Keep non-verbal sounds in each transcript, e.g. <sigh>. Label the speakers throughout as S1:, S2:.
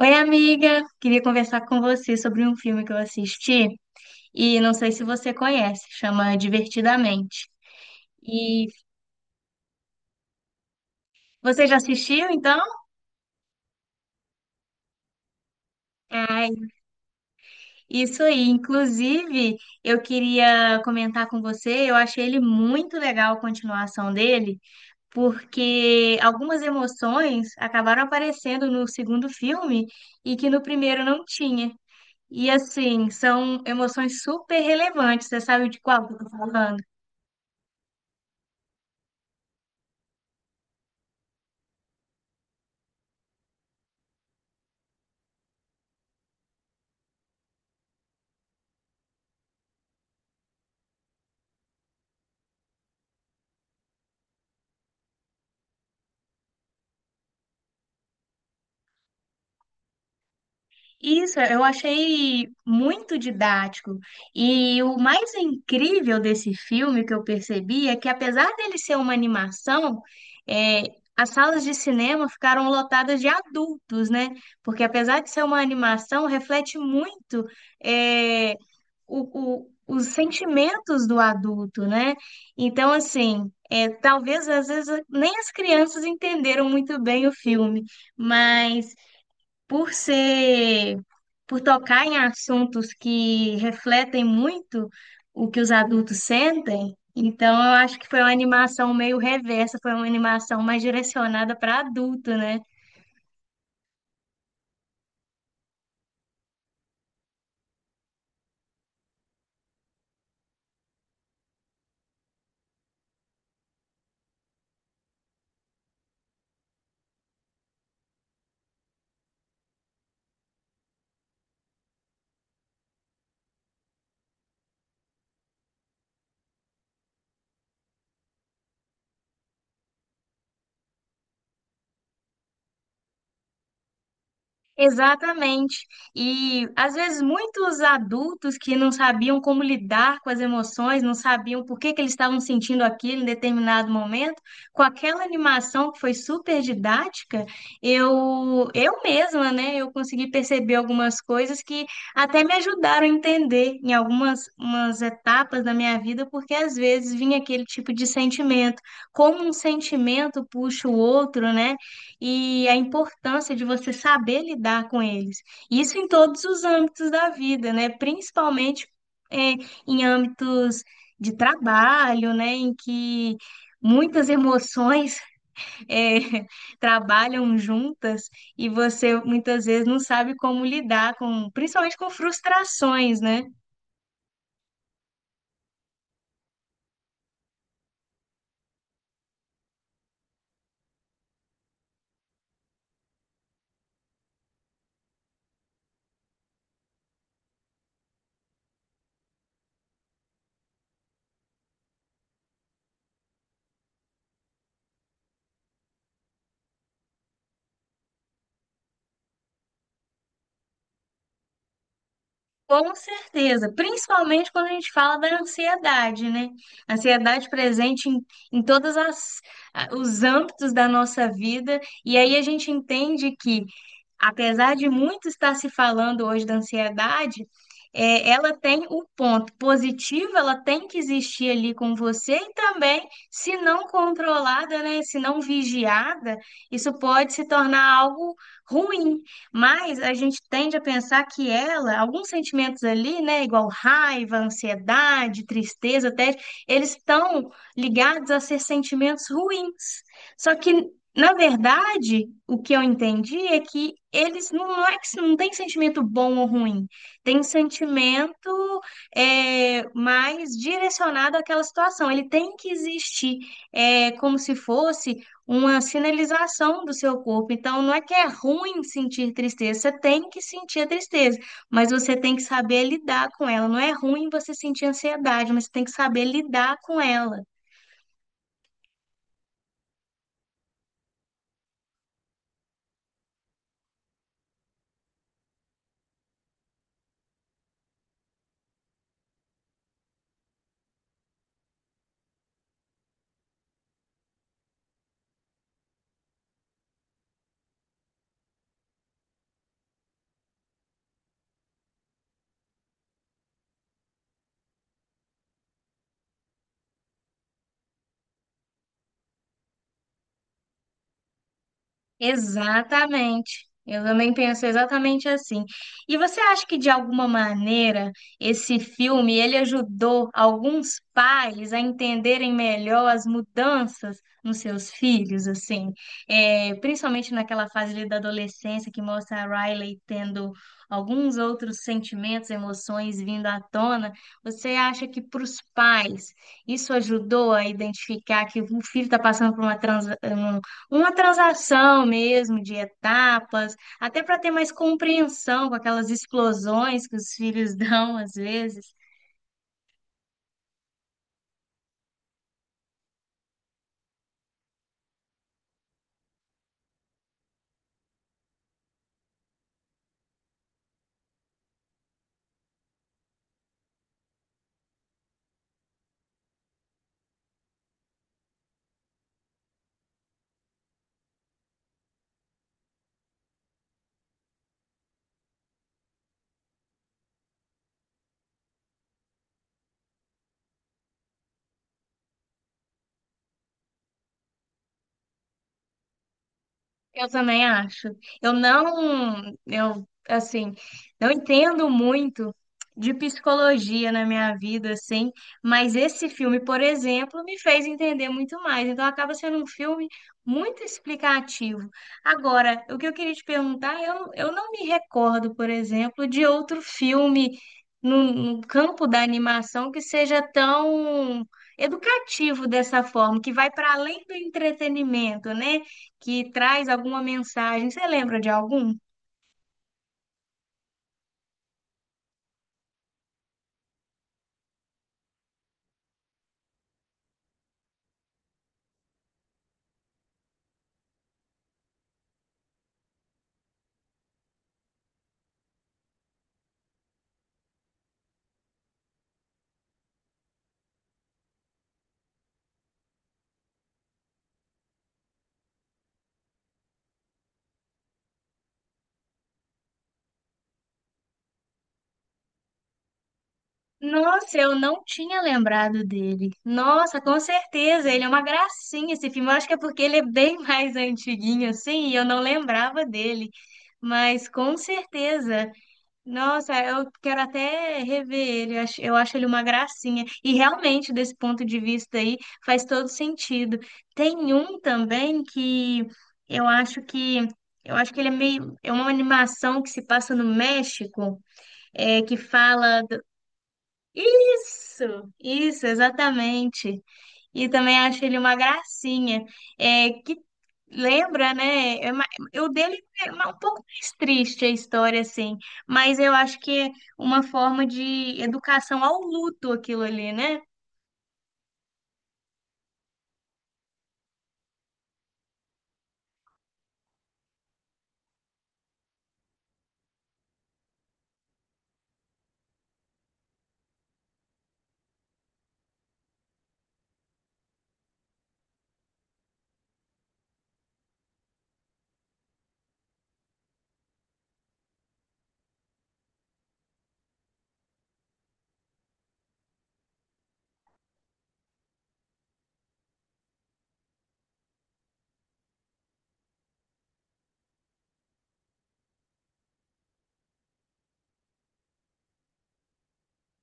S1: Oi, amiga! Queria conversar com você sobre um filme que eu assisti e não sei se você conhece, chama Divertidamente. E você já assistiu, então? Ai, isso aí. Inclusive, eu queria comentar com você, eu achei ele muito legal a continuação dele, porque algumas emoções acabaram aparecendo no segundo filme e que no primeiro não tinha. E assim, são emoções super relevantes. Você sabe de qual que eu tô falando? Isso, eu achei muito didático. E o mais incrível desse filme que eu percebi é que, apesar dele ser uma animação, é, as salas de cinema ficaram lotadas de adultos, né? Porque, apesar de ser uma animação, reflete muito, é, os sentimentos do adulto, né? Então, assim, é, talvez às vezes nem as crianças entenderam muito bem o filme, mas por ser, por tocar em assuntos que refletem muito o que os adultos sentem, então eu acho que foi uma animação meio reversa, foi uma animação mais direcionada para adulto, né? Exatamente. E às vezes muitos adultos que não sabiam como lidar com as emoções, não sabiam por que que eles estavam sentindo aquilo em determinado momento, com aquela animação que foi super didática, eu mesma, né, eu consegui perceber algumas coisas que até me ajudaram a entender em algumas umas etapas da minha vida, porque às vezes vinha aquele tipo de sentimento, como um sentimento puxa o outro, né? E a importância de você saber lidar com eles. Isso em todos os âmbitos da vida, né? Principalmente é, em âmbitos de trabalho, né? Em que muitas emoções <laughs> é, trabalham juntas e você muitas vezes não sabe como lidar com, principalmente com frustrações, né? Com certeza, principalmente quando a gente fala da ansiedade, né? Ansiedade presente em todos os âmbitos da nossa vida, e aí a gente entende que, apesar de muito estar se falando hoje da ansiedade, é, ela tem o ponto positivo, ela tem que existir ali com você, e também, se não controlada, né? Se não vigiada, isso pode se tornar algo ruim. Mas a gente tende a pensar que ela, alguns sentimentos ali, né, igual raiva, ansiedade, tristeza, tédio, eles estão ligados a ser sentimentos ruins. Só que, na verdade, o que eu entendi é que eles não, não é que não tem sentimento bom ou ruim, tem sentimento mais direcionado àquela situação. Ele tem que existir, como se fosse uma sinalização do seu corpo. Então, não é que é ruim sentir tristeza, você tem que sentir a tristeza, mas você tem que saber lidar com ela. Não é ruim você sentir ansiedade, mas você tem que saber lidar com ela. Exatamente. Eu também penso exatamente assim. E você acha que de alguma maneira esse filme ele ajudou alguns pais a entenderem melhor as mudanças nos seus filhos, assim, é, principalmente naquela fase ali da adolescência que mostra a Riley tendo alguns outros sentimentos, emoções vindo à tona. Você acha que para os pais isso ajudou a identificar que o filho está passando por uma transação mesmo de etapas, até para ter mais compreensão com aquelas explosões que os filhos <laughs> dão às vezes. Eu também acho. Eu não, eu assim, não entendo muito de psicologia na minha vida, assim, mas esse filme, por exemplo, me fez entender muito mais. Então acaba sendo um filme muito explicativo. Agora, o que eu queria te perguntar, eu não me recordo, por exemplo, de outro filme no campo da animação que seja tão educativo dessa forma, que vai para além do entretenimento, né? Que traz alguma mensagem. Você lembra de algum? Nossa, eu não tinha lembrado dele. Nossa, com certeza, ele é uma gracinha esse filme. Eu acho que é porque ele é bem <laughs> mais antiguinho assim, e eu não lembrava dele. Mas com certeza. Nossa, eu quero até rever ele. Eu acho ele uma gracinha. E realmente, desse ponto de vista aí, faz todo sentido. Tem um também que eu acho que eu acho que ele é meio é uma animação que se passa no México, é que fala do... Isso, isso, exatamente. E também acho ele uma gracinha. É, que lembra, né? O dele é um pouco mais triste a história, assim. Mas eu acho que é uma forma de educação ao luto aquilo ali, né?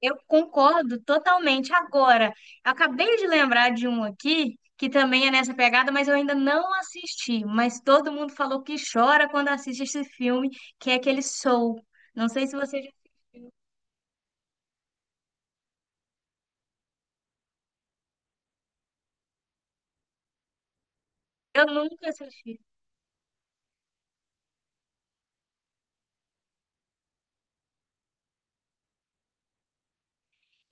S1: Eu concordo totalmente. Agora, eu acabei de lembrar de um aqui que também é nessa pegada, mas eu ainda não assisti. Mas todo mundo falou que chora quando assiste esse filme, que é aquele Soul. Não sei se você já assistiu. Eu nunca assisti.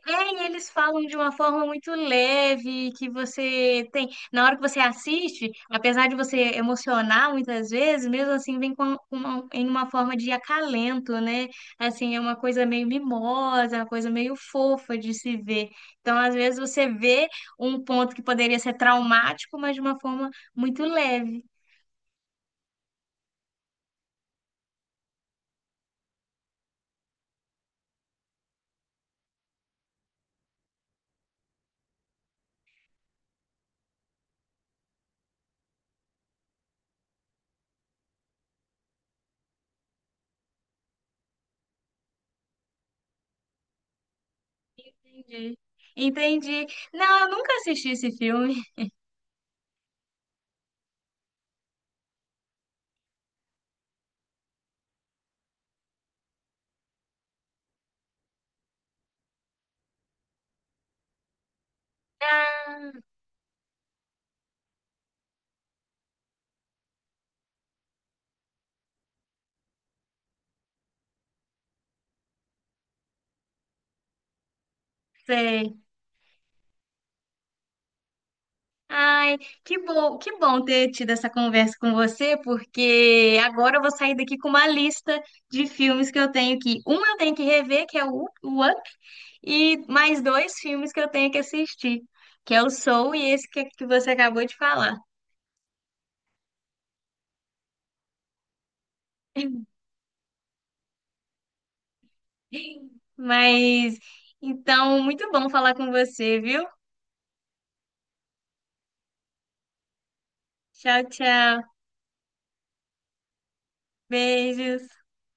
S1: É, e eles falam de uma forma muito leve, que você tem. Na hora que você assiste, apesar de você emocionar muitas vezes, mesmo assim vem com em uma forma de acalento, né? Assim, é uma coisa meio mimosa, uma coisa meio fofa de se ver. Então, às vezes, você vê um ponto que poderia ser traumático, mas de uma forma muito leve. Entendi. Entendi. Não, eu nunca assisti esse filme. <laughs> Sei. Ai, que bom ter tido essa conversa com você, porque agora eu vou sair daqui com uma lista de filmes que eu tenho que, um eu tenho que rever, que é o o Up, e mais dois filmes que eu tenho que assistir, que é o Soul e esse que você acabou de falar. <laughs> Mas então, muito bom falar com você, viu? Tchau, tchau. Beijos.